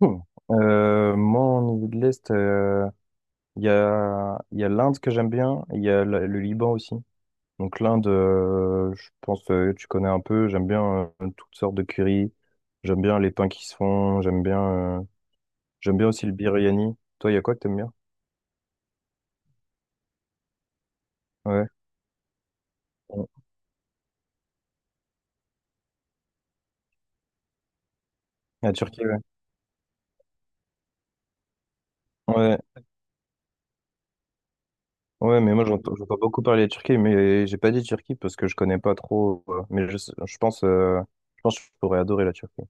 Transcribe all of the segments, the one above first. Bon. Moi, au niveau de l'Est, il y a l'Inde que j'aime bien, et il y a le Liban aussi. Donc l'Inde, je pense que tu connais un peu, j'aime bien toutes sortes de curry, j'aime bien les pains qui se font, euh, j'aime bien aussi le biryani. Toi, il y a quoi que t'aimes bien? Ouais. La Turquie, ouais. Ouais, ouais, mais moi j'entends beaucoup parler de Turquie, mais j'ai pas dit Turquie parce que je connais pas trop. Mais je pense que je pourrais adorer la Turquie.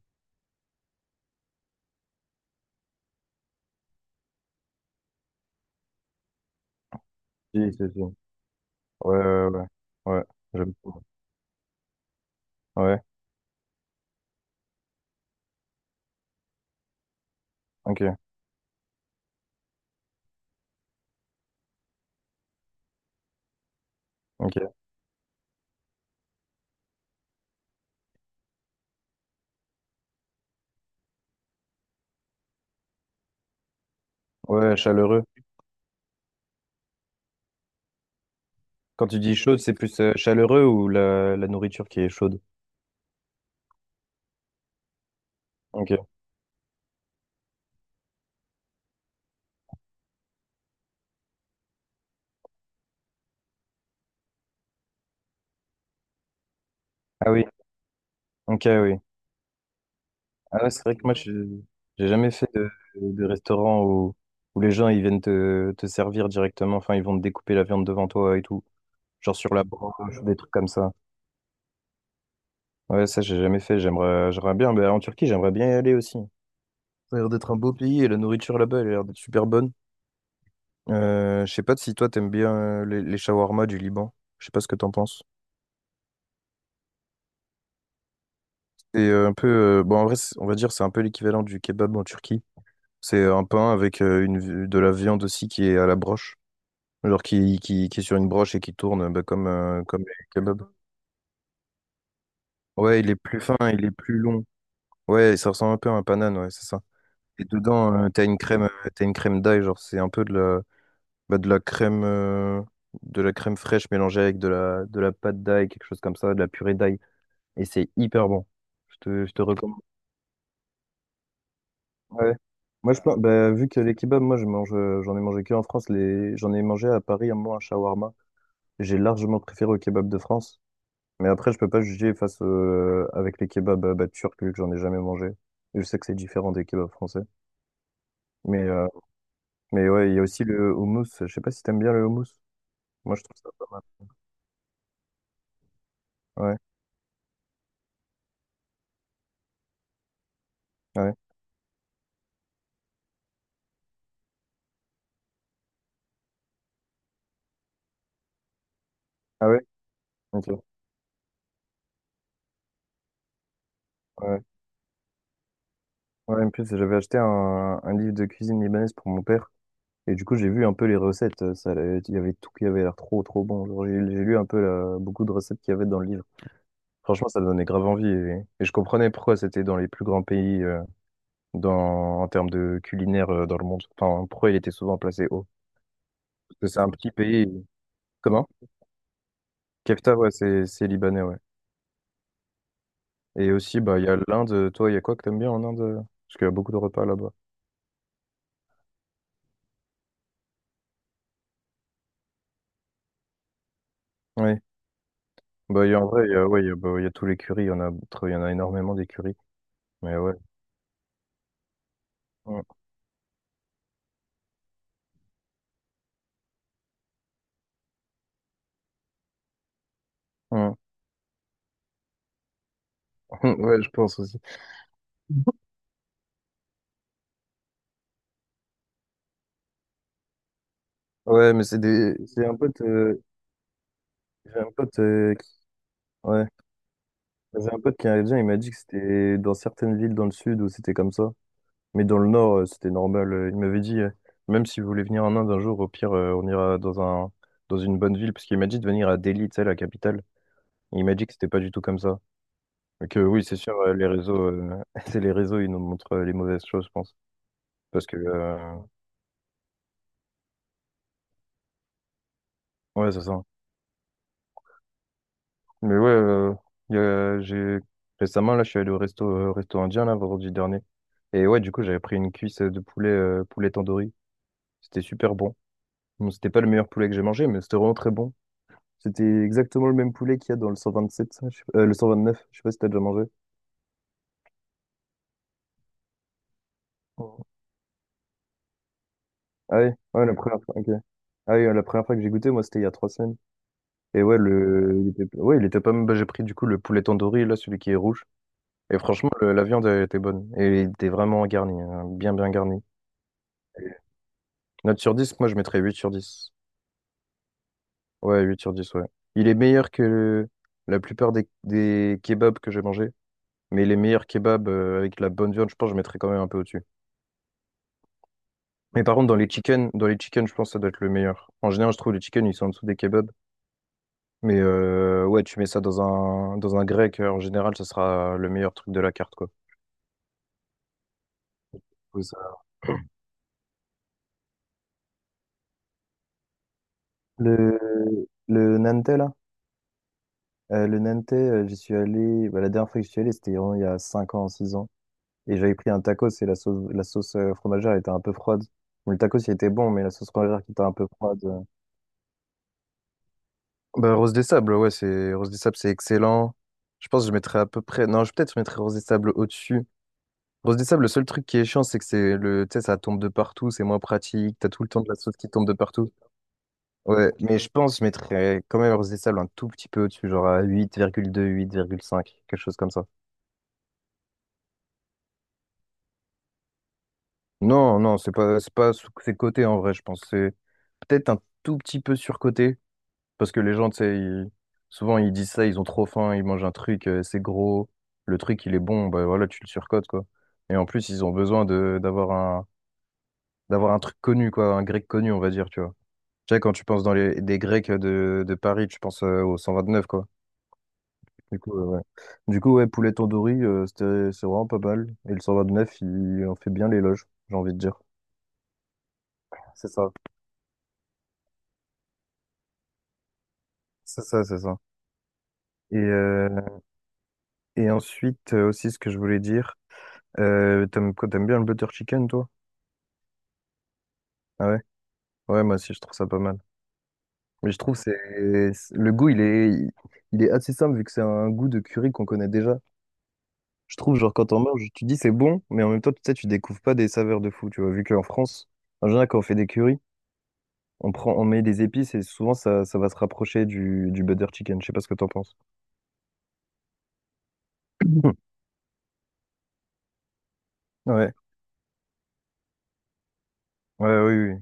Si, si, si. Ouais, ouais, ouais. Ouais, j'aime. Ouais, ok, ok. Ouais, chaleureux. Quand tu dis chaude, c'est plus chaleureux ou la nourriture qui est chaude? Ok. Ah oui, ok, oui. Ah ouais, c'est vrai que moi, je j'ai jamais fait de restaurant où, où les gens ils viennent te servir directement. Enfin, ils vont te découper la viande devant toi et tout. Genre sur la broche, des trucs comme ça. Ouais, ça, j'ai jamais fait. J'aimerais bien. Mais en Turquie, j'aimerais bien y aller aussi. Ça a l'air d'être un beau pays et la nourriture là-bas, elle a l'air d'être super bonne. Je sais pas si toi, t'aimes bien les shawarma du Liban. Je sais pas ce que t'en penses. C'est un peu, bon, en vrai, on va dire, c'est un peu l'équivalent du kebab en Turquie. C'est un pain avec de la viande aussi qui est à la broche, genre qui, qui est sur une broche et qui tourne bah, comme, comme les kebabs. Ouais, il est plus fin, il est plus long. Ouais, ça ressemble un peu à un panane, ouais, c'est ça. Et dedans, t'as une crème d'ail, genre c'est un peu bah, de la crème fraîche mélangée avec de la pâte d'ail, quelque chose comme ça, de la purée d'ail. Et c'est hyper bon. Je te recommande. Ouais. Moi, je pense, bah, vu que les kebabs, moi, je mange, j'en ai mangé que en France. J'en ai mangé à Paris un moment un shawarma. J'ai largement préféré au kebab de France. Mais après, je peux pas juger face avec les kebabs bah, turcs, vu que j'en ai jamais mangé. Je sais que c'est différent des kebabs français. Mais, euh, mais ouais, il y a aussi le houmous. Je sais pas si t'aimes bien le houmous. Moi, je trouve ça pas mal. Ouais, ouais. Ah ouais? Ok. Ouais. Ouais, en plus, j'avais acheté un livre de cuisine libanaise pour mon père. Et du coup, j'ai vu un peu les recettes. Il y avait tout qui avait l'air trop, trop bon. Genre, j'ai lu un peu beaucoup de recettes qu'il y avait dans le livre. Franchement, ça donnait grave envie. Et je comprenais pourquoi c'était dans les plus grands pays en termes de culinaire dans le monde. Enfin, pourquoi il était souvent placé haut. Parce que c'est un petit pays. Comment? Kefta, ouais, c'est libanais, ouais. Et aussi, bah, il y a l'Inde. Toi, il y a quoi que t'aimes bien en Inde? Parce qu'il y a beaucoup de repas là-bas. Oui. Bah, il y a, en vrai, il y a, ouais, il y a, bah, il y a tous les currys. Il y en a énormément des currys. Mais ouais. Mm. Mm. Ouais, je pense aussi. Ouais, mais c'est des... j'ai un pote, qui... ouais. J'ai un pote qui est indien, il m'a dit que c'était dans certaines villes dans le sud où c'était comme ça. Mais dans le nord, c'était normal. Il m'avait dit, même si vous voulez venir en Inde un jour, au pire, on ira dans un... dans une bonne ville. Parce qu'il m'a dit de venir à Delhi, tu sais, la capitale. Et il m'a dit que c'était pas du tout comme ça. Et que oui, c'est sûr, les réseaux, c'est les réseaux, ils nous montrent les mauvaises choses, je pense. Parce que, ouais, c'est ça. Mais ouais, j'ai récemment là, je suis allé au resto, resto indien là vendredi dernier. Et ouais, du coup, j'avais pris une cuisse de poulet, tandoori. C'était super bon. Bon, c'était pas le meilleur poulet que j'ai mangé, mais c'était vraiment très bon. C'était exactement le même poulet qu'il y a dans le 127, ça, je sais pas- le 129. Je sais pas si t'as déjà mangé. Oh. Ah oui, ouais, la première fois. Ok. Ah oui, la première fois que j'ai goûté, moi, c'était il y a 3 semaines. Et ouais, ouais, il était pas mal. Bah, j'ai pris du coup le poulet tandoori, là, celui qui est rouge. Et franchement, la viande, elle était bonne. Et il était vraiment garni, hein, bien, bien garni. Note sur dix, moi je mettrais 8/10. Ouais, 8/10, ouais. Il est meilleur que la plupart des kebabs que j'ai mangés. Mais les meilleurs kebabs avec la bonne viande, je pense que je mettrais quand même un peu au-dessus. Mais par contre, dans les chicken je pense que ça doit être le meilleur. En général, je trouve les chicken ils sont en dessous des kebabs. Mais ouais, tu mets ça dans un grec, en général, ça sera le meilleur truc de la carte, quoi. Oui, Le, le Nantais, là, j'y suis allé, bah, la dernière fois que j'y suis allé, c'était vraiment il y a 5 ans, 6 ans. Et j'avais pris un tacos et la sauce fromagère était un peu froide. Bon, le tacos, il était bon, mais la sauce fromagère qui était un peu froide. Bah, Rose des Sables, ouais, c'est Rose des Sables, c'est excellent. Je pense que je mettrais à peu près. Non, je peut-être je mettrais Rose des Sables au-dessus. Rose des Sables, le seul truc qui est chiant, c'est que tu sais, ça tombe de partout, c'est moins pratique, t'as tout le temps de la sauce qui tombe de partout. Ouais, mais je pense que je mettrais quand même Rose des Sables un tout petit peu au-dessus, genre à huit, 8,2, 8,5, quelque chose comme ça. Non, non, c'est pas, sous- c'est coté en vrai, je pense. C'est peut-être un tout petit peu surcoté. Parce que les gens, tu sais, souvent ils disent ça, ils ont trop faim, ils mangent un truc, c'est gros, le truc il est bon, bah voilà, tu le surcotes, quoi. Et en plus, ils ont besoin de d'avoir un truc connu, quoi, un grec connu, on va dire, tu vois. Tu sais, quand tu penses dans les des Grecs de Paris, tu penses au 129, quoi. Du coup, ouais. Du coup, ouais, poulet tandoori, c'est vraiment pas mal. Et le 129, il en fait bien l'éloge, j'ai envie de dire. C'est ça. C'est ça, c'est ça. Et, euh, et ensuite, aussi, ce que je voulais dire, t'aimes bien le butter chicken, toi? Ah ouais, ouais, moi aussi je trouve ça pas mal. Mais je trouve le goût il est assez simple vu que c'est un goût de curry qu'on connaît déjà. Je trouve genre quand on mange, tu dis c'est bon, mais en même temps tu sais tu découvres pas des saveurs de fou, tu vois. Vu qu'en France, en général quand on fait des currys, on met des épices et souvent ça va se rapprocher du butter chicken. Je sais pas ce que t'en penses. Ouais, ouais, oui, oui.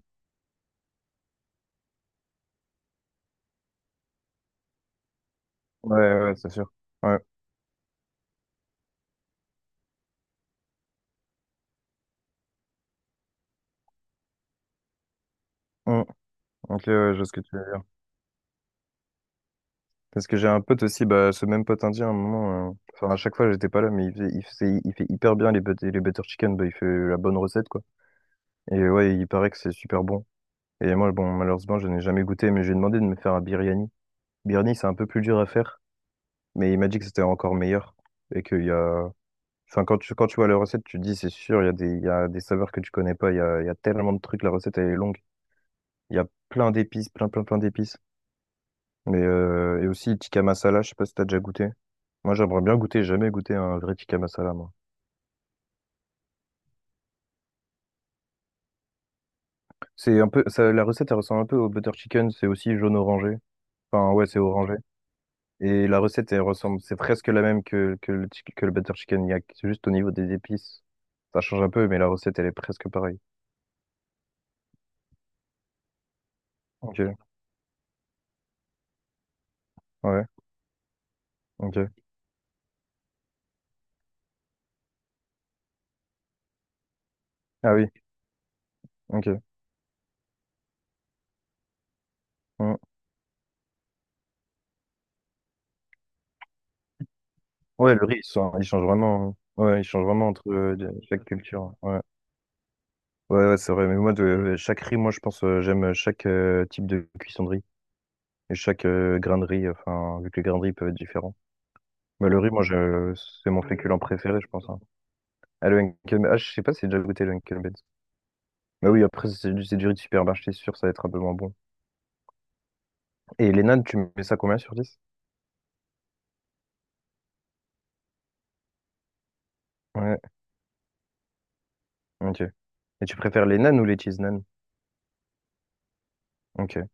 Ouais, ouais, ouais, c'est sûr. Ouais. Hum, Ok, ouais, je vois ce que tu veux. Parce que j'ai un pote aussi, bah, ce même pote indien, à un moment, enfin, à chaque fois, j'étais pas là, mais il fait hyper bien les, les butter chicken, bah, il fait la bonne recette, quoi. Et ouais, il paraît que c'est super bon. Et moi, bon, malheureusement, je n'ai jamais goûté, mais j'ai demandé de me faire un biryani. Biryani, c'est un peu plus dur à faire, mais il m'a dit que c'était encore meilleur. Et qu'il y a, enfin, quand tu vois la recette, tu te dis, c'est sûr, il y a des, saveurs que tu connais pas, il y a tellement de trucs, la recette, elle est longue. Il y a plein d'épices, plein, plein, plein d'épices. Et aussi, tikka masala, je sais pas si t'as déjà goûté. Moi, j'aimerais bien goûter, jamais goûté un vrai tikka masala, moi. C'est un peu, ça, la recette, elle ressemble un peu au butter chicken, c'est aussi jaune orangé. Enfin, ouais, c'est orangé. Et la recette, elle ressemble, c'est presque la même que le butter chicken yak. C'est juste au niveau des épices. Ça change un peu, mais la recette, elle est presque pareille. Ok, ouais, ok. Ah oui, ok. Mm. Ouais, le riz, il change vraiment, hein. Ouais, il change vraiment entre chaque culture. Ouais, ouais, ouais, c'est vrai. Mais moi, chaque riz, moi, je pense, j'aime chaque type de cuisson de riz. Et chaque grain de riz, enfin, vu que les grains de riz peuvent être différents. Mais le riz, c'est mon féculent préféré, je pense, hein. Ah, ah, je sais pas si j'ai déjà goûté le Henkel Benz. Mais oui, après, c'est du riz de supermarché, c'est sûr, ça va être un peu moins bon. Et les nanes, tu mets ça combien sur dix? Ouais, ok. Et tu préfères les nanes ou les cheese nanes? Ok.